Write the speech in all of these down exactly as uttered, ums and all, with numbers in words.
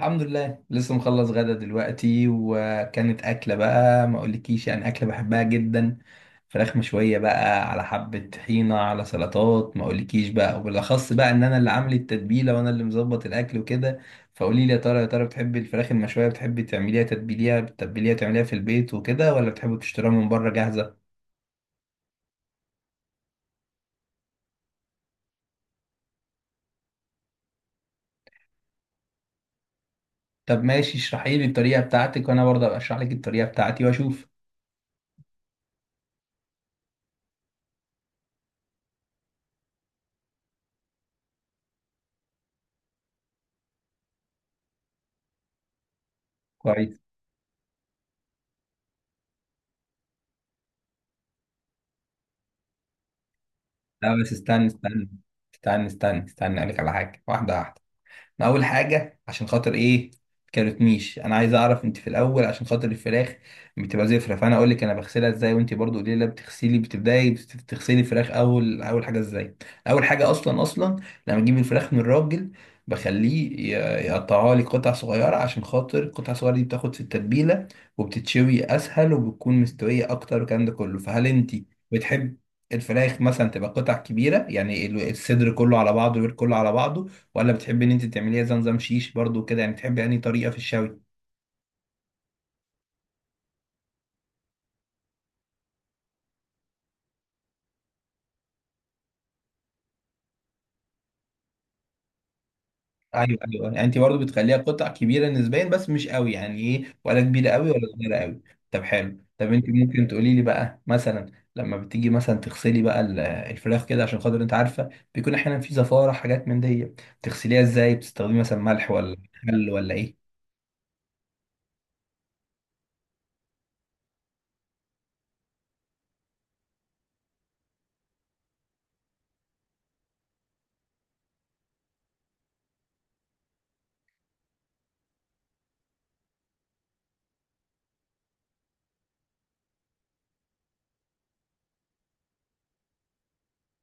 الحمد لله لسه مخلص غدا دلوقتي، وكانت أكلة بقى ما أقولكيش يعني أكلة بحبها جدا. فراخ مشوية بقى على حبة طحينة على سلطات ما أقولكيش بقى، وبالأخص بقى إن أنا اللي عامل التتبيلة وأنا اللي مظبط الأكل وكده. فقولي لي يا ترى يا ترى بتحبي الفراخ المشوية، بتحبي تعمليها، تتبيليها، بتتبيليها تعمليها في البيت وكده، ولا بتحبي تشتريها من بره جاهزة؟ طب ماشي، اشرحي لي الطريقة بتاعتك وأنا برضه أبقى أشرح لك الطريقة بتاعتي وأشوف. كويس. لا بس استنى استنى استنى استنى استنى أقولك على حاجة واحدة واحدة. انا اول حاجه عشان خاطر ايه كلمتنيش، انا عايز اعرف انت في الاول عشان خاطر الفراخ بتبقى زفره، فانا اقول لك انا بغسلها ازاي، وانت برضو قولي لي، لا بتغسلي، بتبداي بت- بتغسلي الفراخ اول اول حاجه ازاي. اول حاجه اصلا اصلا، لما اجيب الفراخ من الراجل بخليه ي- يقطعها لي قطع صغيره، عشان خاطر القطع الصغيره دي بتاخد في التتبيله وبتتشوي اسهل وبتكون مستويه اكتر والكلام ده كله. فهل انت بتحب الفراخ مثلا تبقى قطع كبيره، يعني ال- الصدر كله على بعضه والوير كله على بعضه، ولا بتحبي ان انت تعمليها زي نظام شيش برضو كده؟ يعني بتحبي انهي طريقه في الشوي؟ ايوه ايوه، يعني انت برضو بتخليها قطع كبيره نسبيا بس مش قوي، يعني ايه، ولا كبيره قوي ولا صغيره قوي. طب حلو. طب انت ممكن تقولي لي بقى مثلا لما بتيجي مثلا تغسلي بقى ال- الفراخ كده، عشان خاطر انت عارفه بيكون احيانا في زفاره حاجات من دي، بتغسليها ازاي؟ بتستخدمي مثلا ملح ولا خل ولا ايه؟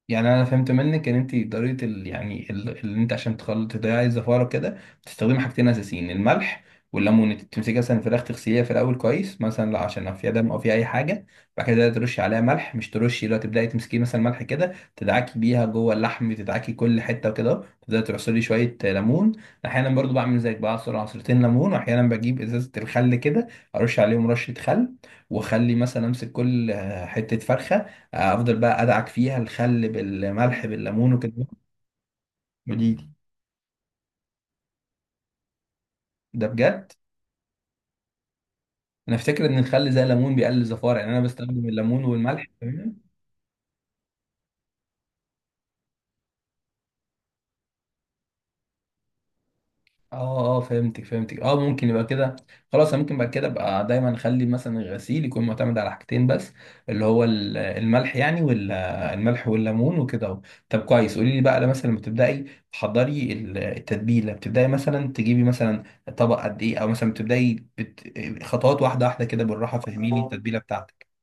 يعني انا فهمت منك ان انت طريقه ال... يعني ال- اللي انت عشان تخلط تضيعي الزفاره كده بتستخدمي حاجتين اساسيين، الملح والليمون. انت بتمسكي مثلا الفراخ تغسليها في الاول كويس مثلا، لا عشان لو فيها دم او فيها اي حاجه، بعد كده ترشي عليها ملح، مش ترشي، لو تبداي تمسكي مثلا ملح كده تدعكي بيها جوه اللحم، تدعكي كل حته وكده، تبداي تعصري شويه ليمون. احيانا برضو بعمل زيك، بعصر عصرتين ليمون، واحيانا بجيب ازازه الخل كده ارش عليهم رشه خل، واخلي مثلا امسك كل آه، حته فرخه، افضل بقى ادعك فيها الخل بالملح بالليمون وكده. ودي دي ده بجد؟ انا افتكر ان الخل زي الليمون بيقلل الزفاره، يعني انا بستخدم الليمون والملح تمام. اه. اه، فهمتك فهمتك، اه ممكن يبقى كده. خلاص أنا ممكن بعد كده ابقى دايما اخلي مثلا الغسيل يكون معتمد على حاجتين بس، اللي هو ال- الملح، يعني والملح والليمون وكده اهو. طب كويس، قولي لي بقى لما مثلا لما تبداي تحضري ال- التتبيله، بتبداي مثلا تجيبي مثلا طبق قد ايه، او مثلا بتبداي بت... خطوات واحده واحده كده بالراحه، فهميني التتبيله بتاعتك.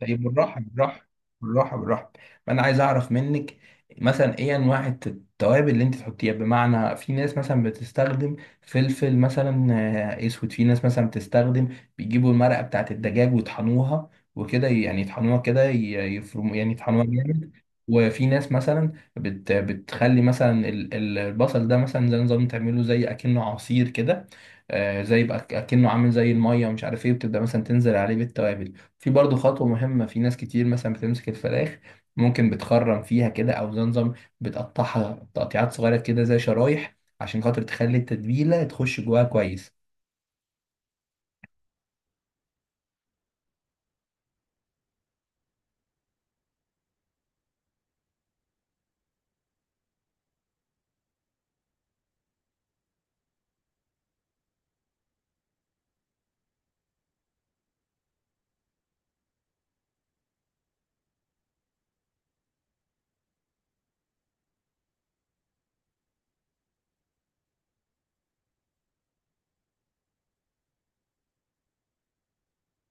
طيب بالراحة بالراحة بالراحة بالراحة. فأنا عايز أعرف منك مثلا إيه أنواع الت- التوابل اللي أنت تحطيها. بمعنى في ناس مثلا بتستخدم فلفل مثلا آه، أسود، في ناس مثلا بتستخدم بيجيبوا المرقة بتاعة الدجاج ويطحنوها وكده، يعني يطحنوها كده ي- يفرموا، يعني يطحنوها جامد. وفي ناس مثلا بت بتخلي مثلا ال- ال- البصل ده مثلا زي نظام تعمله زي اكنه عصير كده، آه، زي يبقى اكنه عامل زي الميه ومش عارف ايه، بتبدا مثلا تنزل عليه بالتوابل. في برضه خطوة مهمة في ناس كتير مثلا بتمسك الفراخ ممكن بتخرم فيها كده أو زمزم بتقطعها تقطيعات صغيرة كده زي شرايح، عشان خاطر تخلي التتبيلة تخش جواها كويس.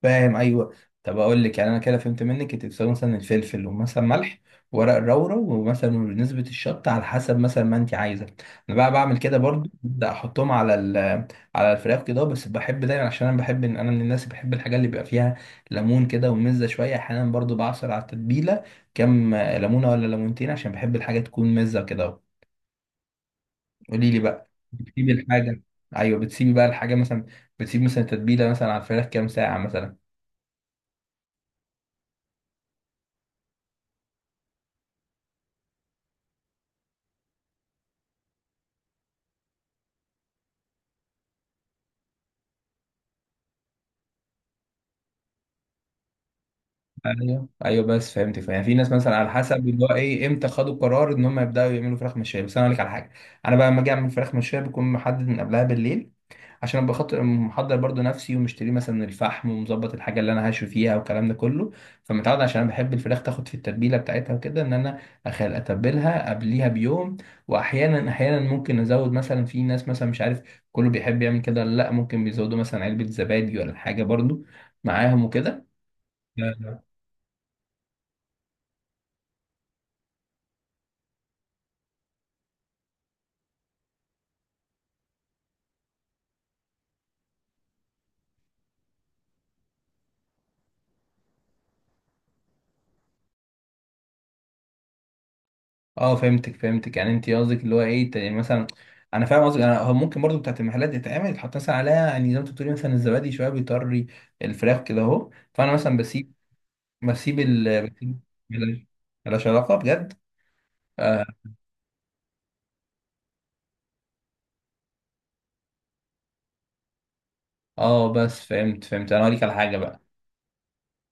فاهم ايوه. طب اقول لك، يعني انا كده فهمت منك انت بتساوي مثلا الفلفل ومثلا ملح ورق الرورة ومثلا نسبة الشطة على حسب مثلا ما انت عايزة. انا بقى بعمل كده برضو، ببدأ احطهم على ال على الفراخ كده، بس بحب دايما عشان انا بحب ان انا من الناس اللي بحب الحاجات اللي بيبقى فيها ليمون كده ومزة شوية، احيانا برضو بعصر على التتبيلة كام ليمونة ولا ليمونتين عشان بحب الحاجة تكون مزة كده. قولي لي بقى بتسيبي الحاجة، ايوه بتسيبي بقى الحاجة مثلا، بتسيبي مثلا التتبيلة مثلا على الفراخ كام ساعة مثلا؟ ايوه ايوه بس فهمت فهمت. يعني في ناس مثلا على حسب اللي هو ايه امتى خدوا قرار ان هم يبداوا يعملوا فراخ مشويه، بس انا اقول لك على حاجه. انا بقى لما اجي اعمل فراخ مشويه بكون محدد من قبلها بالليل، عشان ابقى خاطر محضر برضو نفسي ومشتري مثلا الفحم ومظبط الحاجه اللي انا هشوي فيها والكلام ده كله. فمتعود عشان انا بحب الفراخ تاخد في التتبيله بتاعتها وكده ان انا اخل اتبلها قبليها بيوم. واحيانا احيانا ممكن ازود مثلا، في ناس مثلا مش عارف كله بيحب يعمل كده ولا لا، ممكن بيزودوا مثلا علبه زبادي ولا حاجه برضو معاهم وكده. اه، فهمتك فهمتك. يعني انت قصدك اللي هو ايه ت- يعني مثلا انا فاهم قصدك، انا هو ممكن برضو بتاعت المحلات يتعمل يتحط مثلا عليها، يعني زي ما انت بتقولي مثلا الزبادي شويه بيطري الفراخ كده اهو، فانا مثلا بسيب، بسيب ال بسيب. ملاش، ملاش علاقه بجد. اه. آه، بس فهمت فهمت، انا هقول لك على حاجه بقى.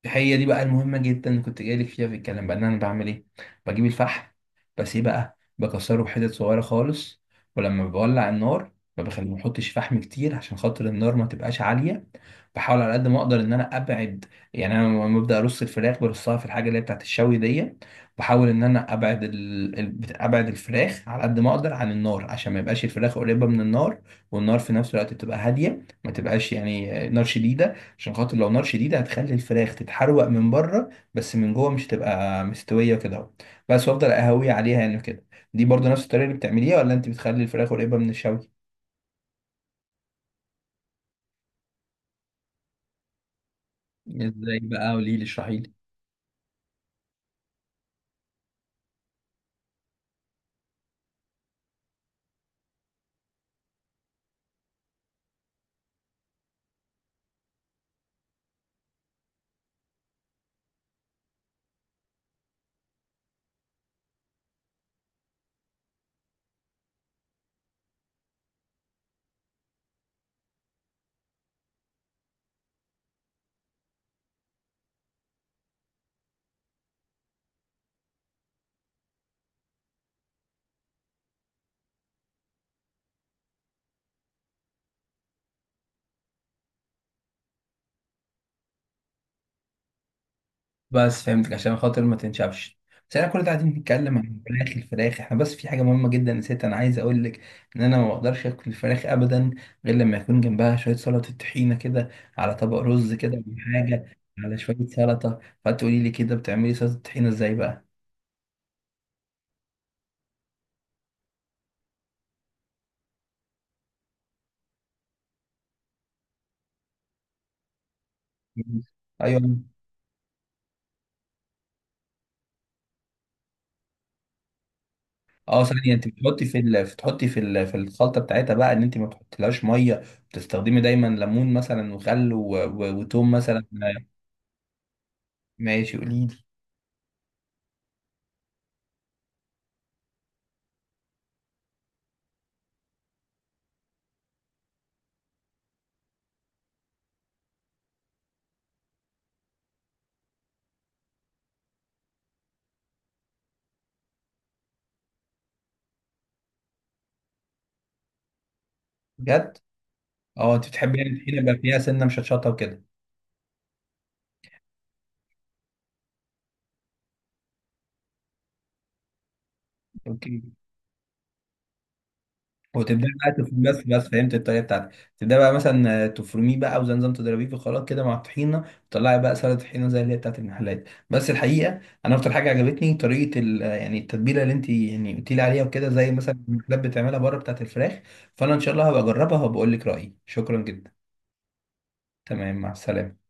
هي دي بقى المهمة جدا اللي كنت جايلك فيها في الكلام، بقى ان انا بعمل ايه. بجيب الفحم بس ايه بقى، بكسره بحتت صغيرة خالص، ولما بولع النار ما بخلي ما احطش فحم كتير عشان خاطر النار ما تبقاش عالية. بحاول على قد ما اقدر ان انا ابعد، يعني انا لما ببدا ارص الفراخ برصها في الحاجة اللي هي بتاعت الشوي دي، بحاول ان انا ابعد ال... ال- بت- ابعد الفراخ على قد ما اقدر عن النار، عشان ما يبقاش الفراخ قريبة من النار، والنار في نفس الوقت تبقى هادية ما تبقاش يعني نار شديدة، عشان خاطر لو نار شديدة هتخلي الفراخ تتحروق من بره بس من جوه مش تبقى مستوية كده اهو. بس وافضل اهوي عليها يعني كده. دي برضو نفس الطريقة اللي بتعمليها، ولا انت بتخلي الفراخ قريبة من الشوي؟ ازاي بقى، قولي لي، اشرحي لي. بس فهمتك، عشان خاطر ما تنشفش. بس احنا كل ده قاعدين بنتكلم عن الفراخ، الفراخ احنا بس في حاجة مهمة جدا نسيت انا عايز اقول لك، ان انا ما اقدرش اكل الفراخ ابدا غير لما يكون جنبها شوية سلطة طحينة كده، على طبق رز كده ولا حاجة، على شوية سلطة. فتقولي لي كده بتعملي سلطة طحينة ازاي بقى؟ ايوه. اه ثانيه، انت بتحطي في ال... بتحطي في ال... في الخلطه بتاعتها بقى ان انت ما تحطيلهاش ميه، بتستخدمي دايما ليمون مثلا وخل و... و... وتوم مثلا. ماشي قولي لي. بجد؟ اه انت بتحبي يعني الطحينه يبقى فيها سنه مشطشطه وكده. اوكي. وتبدأ بقى تفرميه، بس بس فهمت الطريقة بتاعتك. تبدأ بقى مثلا آه، تفرميه بقى وزي نظام تضربيه في الخلاط كده مع الطحينة، وتطلعي بقى سلطة طحينة زي اللي هي بتاعت المحلات. بس الحقيقة أنا أكتر حاجة عجبتني طريقة ال آه، يعني التتبيلة اللي أنت يعني قلتي لي عليها وكده، زي مثلا المحلات بتعملها بره بتاعت الفراخ. فأنا إن شاء الله هبقى أجربها وبقول لك رأيي. شكرا جدا. تمام، مع السلامة.